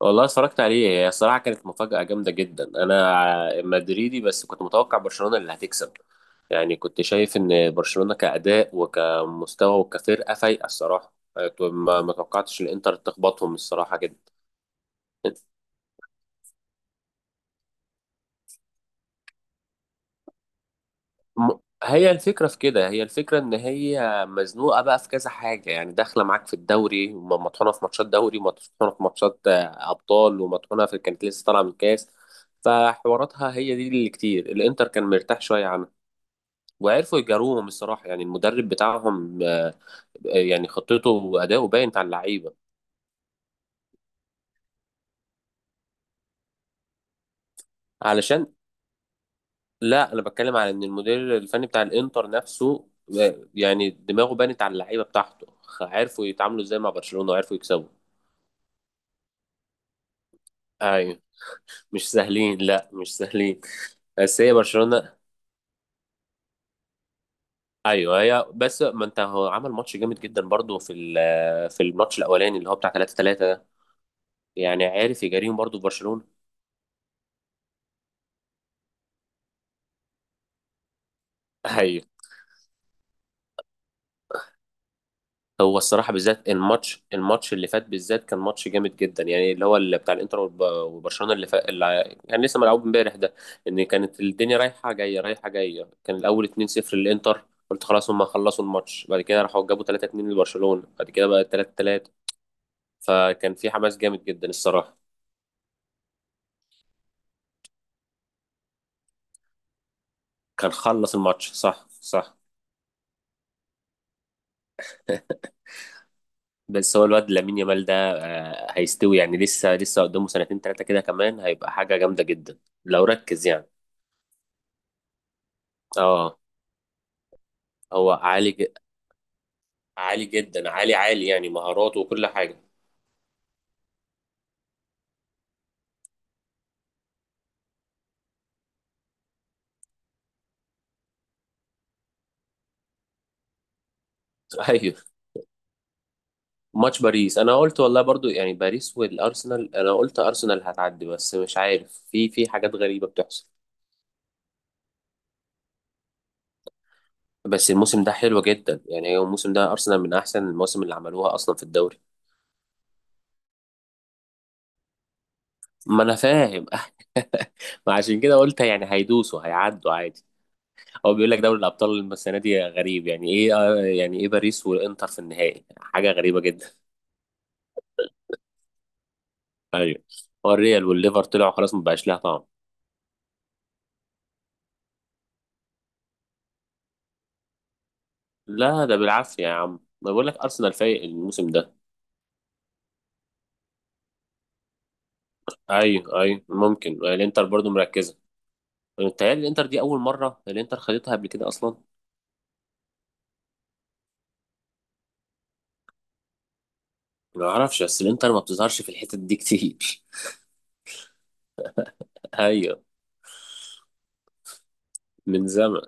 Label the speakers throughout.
Speaker 1: والله اتفرجت عليه. هي الصراحة كانت مفاجأة جامدة جدا. أنا مدريدي، بس كنت متوقع برشلونة اللي هتكسب. يعني كنت شايف إن برشلونة كأداء وكمستوى وكفرقة فايقة الصراحة، ما توقعتش الإنتر تخبطهم الصراحة جدا. هي الفكرة إن هي مزنوقة بقى في كذا حاجة. يعني داخلة معاك في الدوري، وم- مطحونة في ماتشات دوري، ومطحونة في ماتشات أبطال، ومطحونة في كانت لسه طالعة من كاس. فحواراتها هي دي اللي كتير الإنتر كان مرتاح شوية. وعرفوا يجاروهم الصراحه. يعني المدرب بتاعهم يعني خطته واداؤه باين على اللعيبه. علشان لا، انا بتكلم على ان المدير الفني بتاع الانتر نفسه يعني دماغه بانت على اللعيبه بتاعته. عرفوا يتعاملوا ازاي مع برشلونه، وعرفوا يكسبوا. ايوه، مش سهلين، لا مش سهلين. بس هي برشلونه. ايوه هي، بس ما انت هو عمل ماتش جامد جدا برضو في الماتش الاولاني اللي هو بتاع 3-3 ده. يعني عارف يجاريهم برضو في برشلونه. ايوه. هو الصراحة بالذات الماتش اللي فات بالذات كان ماتش جامد جدا. يعني اللي هو اللي بتاع الانتر وبرشلونة اللي فات، كان لسه ملعوب امبارح ده. ان كانت الدنيا رايحة جاية رايحة جاية. كان الاول 2-0 للانتر، قلت خلاص هم خلصوا الماتش. بعد كده راحوا جابوا 3-2 لبرشلونة، بعد كده بقى 3-3. فكان في حماس جامد جدا الصراحة. كان خلص الماتش، صح صح. بس هو الواد لامين يامال ده هيستوي يعني. لسه لسه قدامه سنتين ثلاثة كده كمان هيبقى حاجة جامدة جدا، لو ركز يعني. اه، هو عالي، عالي جدا، عالي عالي. يعني مهاراته وكل حاجه. ايوه. ماتش باريس انا قلت والله برضو، يعني باريس والارسنال انا قلت ارسنال هتعدي، بس مش عارف في حاجات غريبه بتحصل. بس الموسم ده حلو جدا، يعني هو الموسم ده ارسنال من احسن المواسم اللي عملوها اصلا في الدوري. ما انا فاهم. ما عشان كده قلت يعني هيدوسوا هيعدوا عادي. هو بيقول لك دوري الابطال السنه دي غريب، يعني ايه يعني ايه باريس والانتر في النهائي؟ حاجه غريبه جدا. ايوه. هو الريال والليفر طلعوا خلاص، ما بقاش لها طعم. لا ده بالعافية يا عم، ما بقول لك أرسنال فايق الموسم ده. أيوه أيوه، ممكن الإنتر برضو مركزة. متهيألي الإنتر دي أول مرة الإنتر خدتها قبل كده أصلا. ما أعرفش، بس الإنتر ما بتظهرش في الحتت دي كتير. أيوه، من زمن.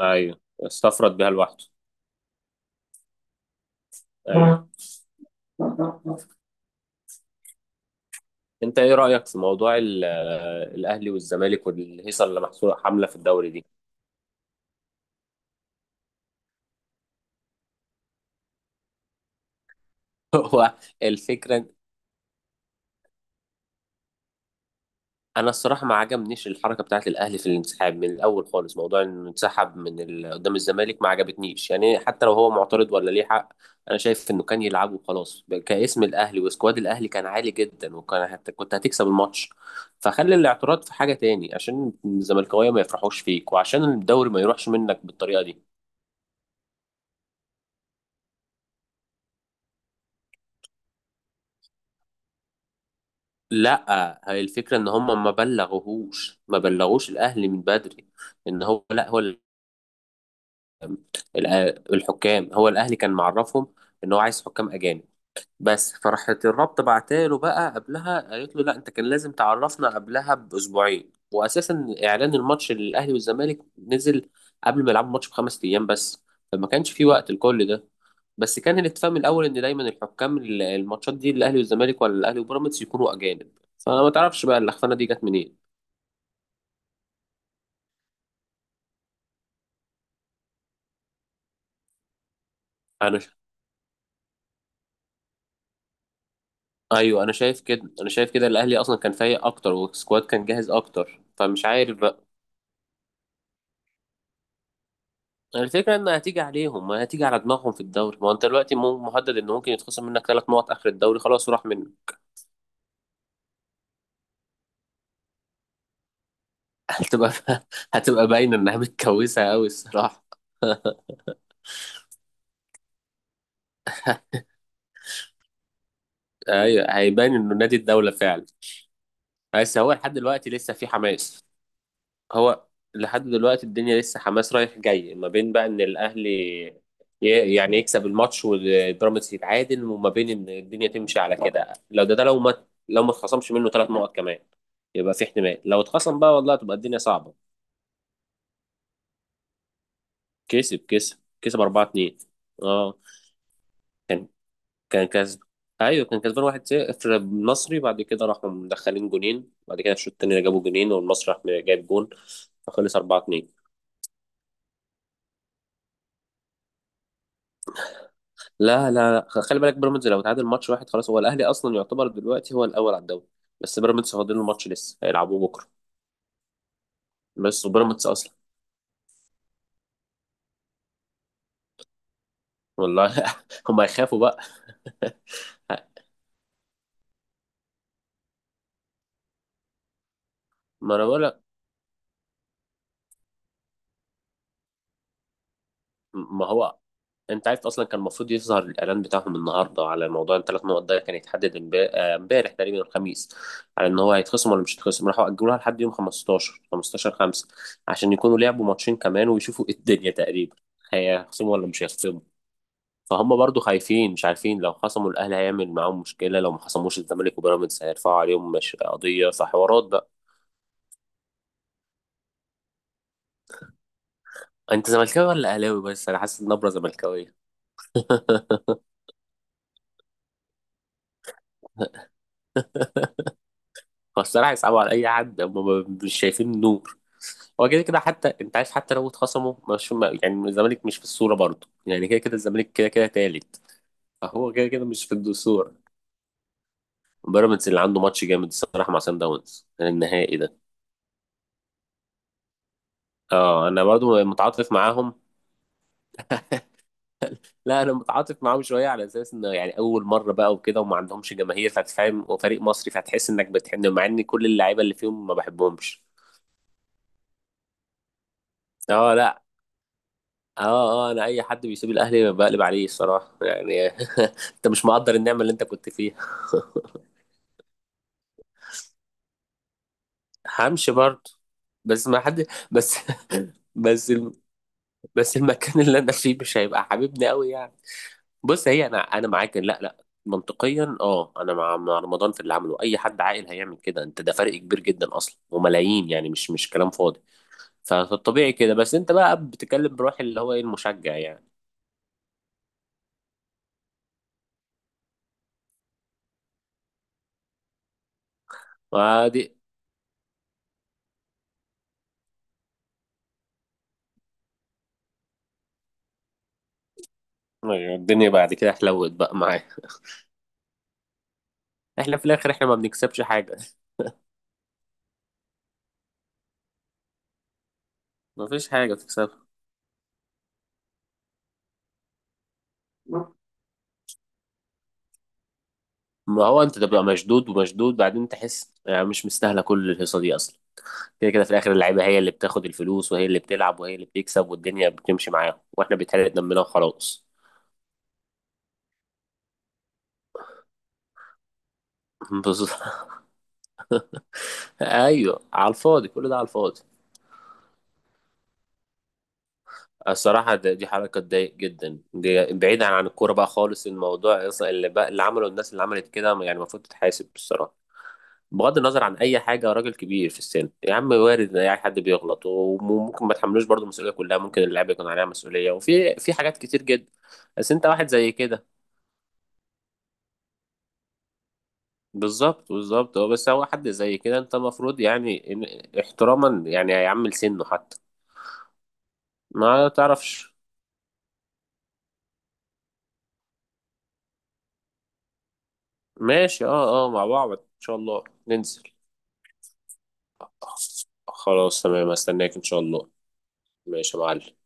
Speaker 1: أيوه، استفرد بيها لوحده. أيوه، أنت إيه رأيك في موضوع الأهلي والزمالك والهيصة اللي محصورة حاملة في الدوري دي؟ هو الفكرة. انا الصراحه ما عجبنيش الحركه بتاعت الاهلي في الانسحاب من الاول خالص. موضوع انه انسحب قدام الزمالك ما عجبتنيش. يعني حتى لو هو معترض ولا ليه حق، انا شايف انه كان يلعبه خلاص. كاسم الاهلي وسكواد الاهلي كان عالي جدا، وكان كنت هتكسب الماتش. فخلي الاعتراض في حاجه تاني، عشان الزملكاويه ما يفرحوش فيك، وعشان الدوري ما يروحش منك بالطريقه دي. لا، هي الفكره ان هم ما بلغوش الاهلي من بدري. ان هو لا هو، الحكام، هو الاهلي كان معرفهم ان هو عايز حكام اجانب. بس فراحت الرابطه بعتاله بقى قبلها قالت له لا، انت كان لازم تعرفنا قبلها باسبوعين. واساسا اعلان الماتش للاهلي والزمالك نزل قبل ما يلعبوا الماتش بخمس ايام بس. فما كانش في وقت لكل ده. بس كان الاتفاق من الاول ان دايما الحكام الماتشات دي الاهلي والزمالك، ولا الاهلي وبيراميدز، يكونوا اجانب. فانا ما تعرفش بقى اللخفانه دي جت منين. انا ايوه، انا شايف كده، انا شايف كده الاهلي اصلا كان فايق اكتر، والسكواد كان جاهز اكتر، فمش عارف بقى. الفكره ان هتيجي عليهم ما هتيجي على دماغهم في الدوري. ما هو انت دلوقتي مهدد ان ممكن يتخصم منك ثلاث نقط اخر الدوري، خلاص وراح منك. هتبقى هتبقى باينه انها متكوسه قوي الصراحه. ايوه، هيبان انه نادي الدوله فعلا. بس هو لحد دلوقتي لسه في حماس. هو لحد دلوقتي الدنيا لسه حماس رايح جاي، ما بين بقى ان الاهلي يعني يكسب الماتش والبيراميدز يتعادل، وما بين ان الدنيا تمشي على كده. لو ده ده لو ما لو ما اتخصمش منه ثلاث نقط كمان يبقى في احتمال. لو اتخصم بقى والله تبقى الدنيا صعبه. كسب كسب كسب 4-2. اه، كان كان كسب. ايوه كان كسبان 1-0 النصري، بعد كده راحوا مدخلين جونين، بعد كده في الشوط الثاني جابوا جونين، والمصري راح جايب جون، فخلص 4. لا لا لا. خلي بالك، بيراميدز لو تعادل ماتش واحد خلاص، هو الاهلي اصلا يعتبر دلوقتي هو الاول على الدوري. بس بيراميدز فاضل له ماتش لسه هيلعبوه بكره. بس وبيراميدز اصلا، والله هم هيخافوا بقى. ما انا بقول لك. ما هو انت عارف اصلا كان المفروض يظهر الاعلان بتاعهم النهارده على موضوع الثلاث نقط ده. كان يتحدد امبارح تقريبا الخميس، على ان هو هيتخصم ولا مش هيتخصم. راحوا اجلوها لحد يوم 15، 15/5، عشان يكونوا لعبوا ماتشين كمان ويشوفوا ايه الدنيا تقريبا، هيخصموا ولا مش هيخصموا. فهم برضو خايفين مش عارفين. لو خصموا، الاهلي هيعمل معاهم مشكله. لو ما خصموش، الزمالك وبيراميدز هيرفعوا عليهم مش قضيه، فحوارات بقى. انت زملكاوي ولا اهلاوي؟ بس انا حاسس النبره زملكاويه. فالصراحه يصعبوا على اي حد هم، مش شايفين النور. هو كده كده. حتى انت عارف حتى لو اتخصموا، مش يعني الزمالك مش في الصوره برضو، يعني كده كده الزمالك كده كده تالت. فهو كده كده مش في الصوره. بيراميدز اللي عنده ماتش جامد الصراحه مع سان داونز النهائي ده. اه انا برضو متعاطف معاهم. لا، انا متعاطف معاهم شويه على اساس انه يعني اول مره بقى وكده، وما عندهمش جماهير فتفهم، وفريق مصري فتحس انك بتحن، مع ان كل اللعيبه اللي فيهم ما بحبهمش. اه، لا، اه اه، انا اي حد بيسيب الاهلي بقلب عليه الصراحه يعني. انت مش مقدر النعمه اللي انت كنت فيها. همشي برضه. بس ما حد بس. بس الم- بس المكان اللي انا فيه مش هيبقى حبيبني قوي يعني. بص، هي انا معاك إن لا لا منطقيا. اه، انا مع رمضان في اللي عمله. اي حد عاقل هيعمل كده انت، ده فرق كبير جدا اصلا وملايين، يعني مش كلام فاضي. فالطبيعي كده. بس انت بقى بتتكلم بروح اللي هو ايه المشجع يعني. وادي أيوة، الدنيا بعد كده حلوت بقى معايا. احنا في الاخر احنا ما بنكسبش حاجه. ما فيش حاجه تكسبها. ما هو انت تبقى مشدود ومشدود، بعدين تحس يعني مش مستاهله كل الهيصه دي اصلا. كده كده في الاخر اللعيبه هي اللي بتاخد الفلوس، وهي اللي بتلعب وهي اللي بتكسب، والدنيا بتمشي معاهم، واحنا بيتحرق دمنا وخلاص. بالظبط. ايوه، على الفاضي، كل ده على الفاضي. الصراحه دي حركه تضايق جدا. دي بعيدا عن الكوره بقى خالص، الموضوع اصلا اللي بقى اللي عمله الناس اللي عملت كده يعني المفروض تتحاسب الصراحه. بغض النظر عن اي حاجه، راجل كبير في السن يا عم، وارد ان اي حد بيغلط، وممكن ما تحملوش برضه المسؤوليه كلها. ممكن اللاعب يكون عليها مسؤوليه، وفي حاجات كتير جدا. بس انت واحد زي كده. بالظبط بالظبط، هو بس هو حد زي كده انت المفروض يعني احتراما يعني هيعمل سنه حتى. ما تعرفش. ماشي، اه اه، مع بعض ان شاء الله ننزل. خلاص تمام، استناك ان شاء الله. ماشي يا معلم.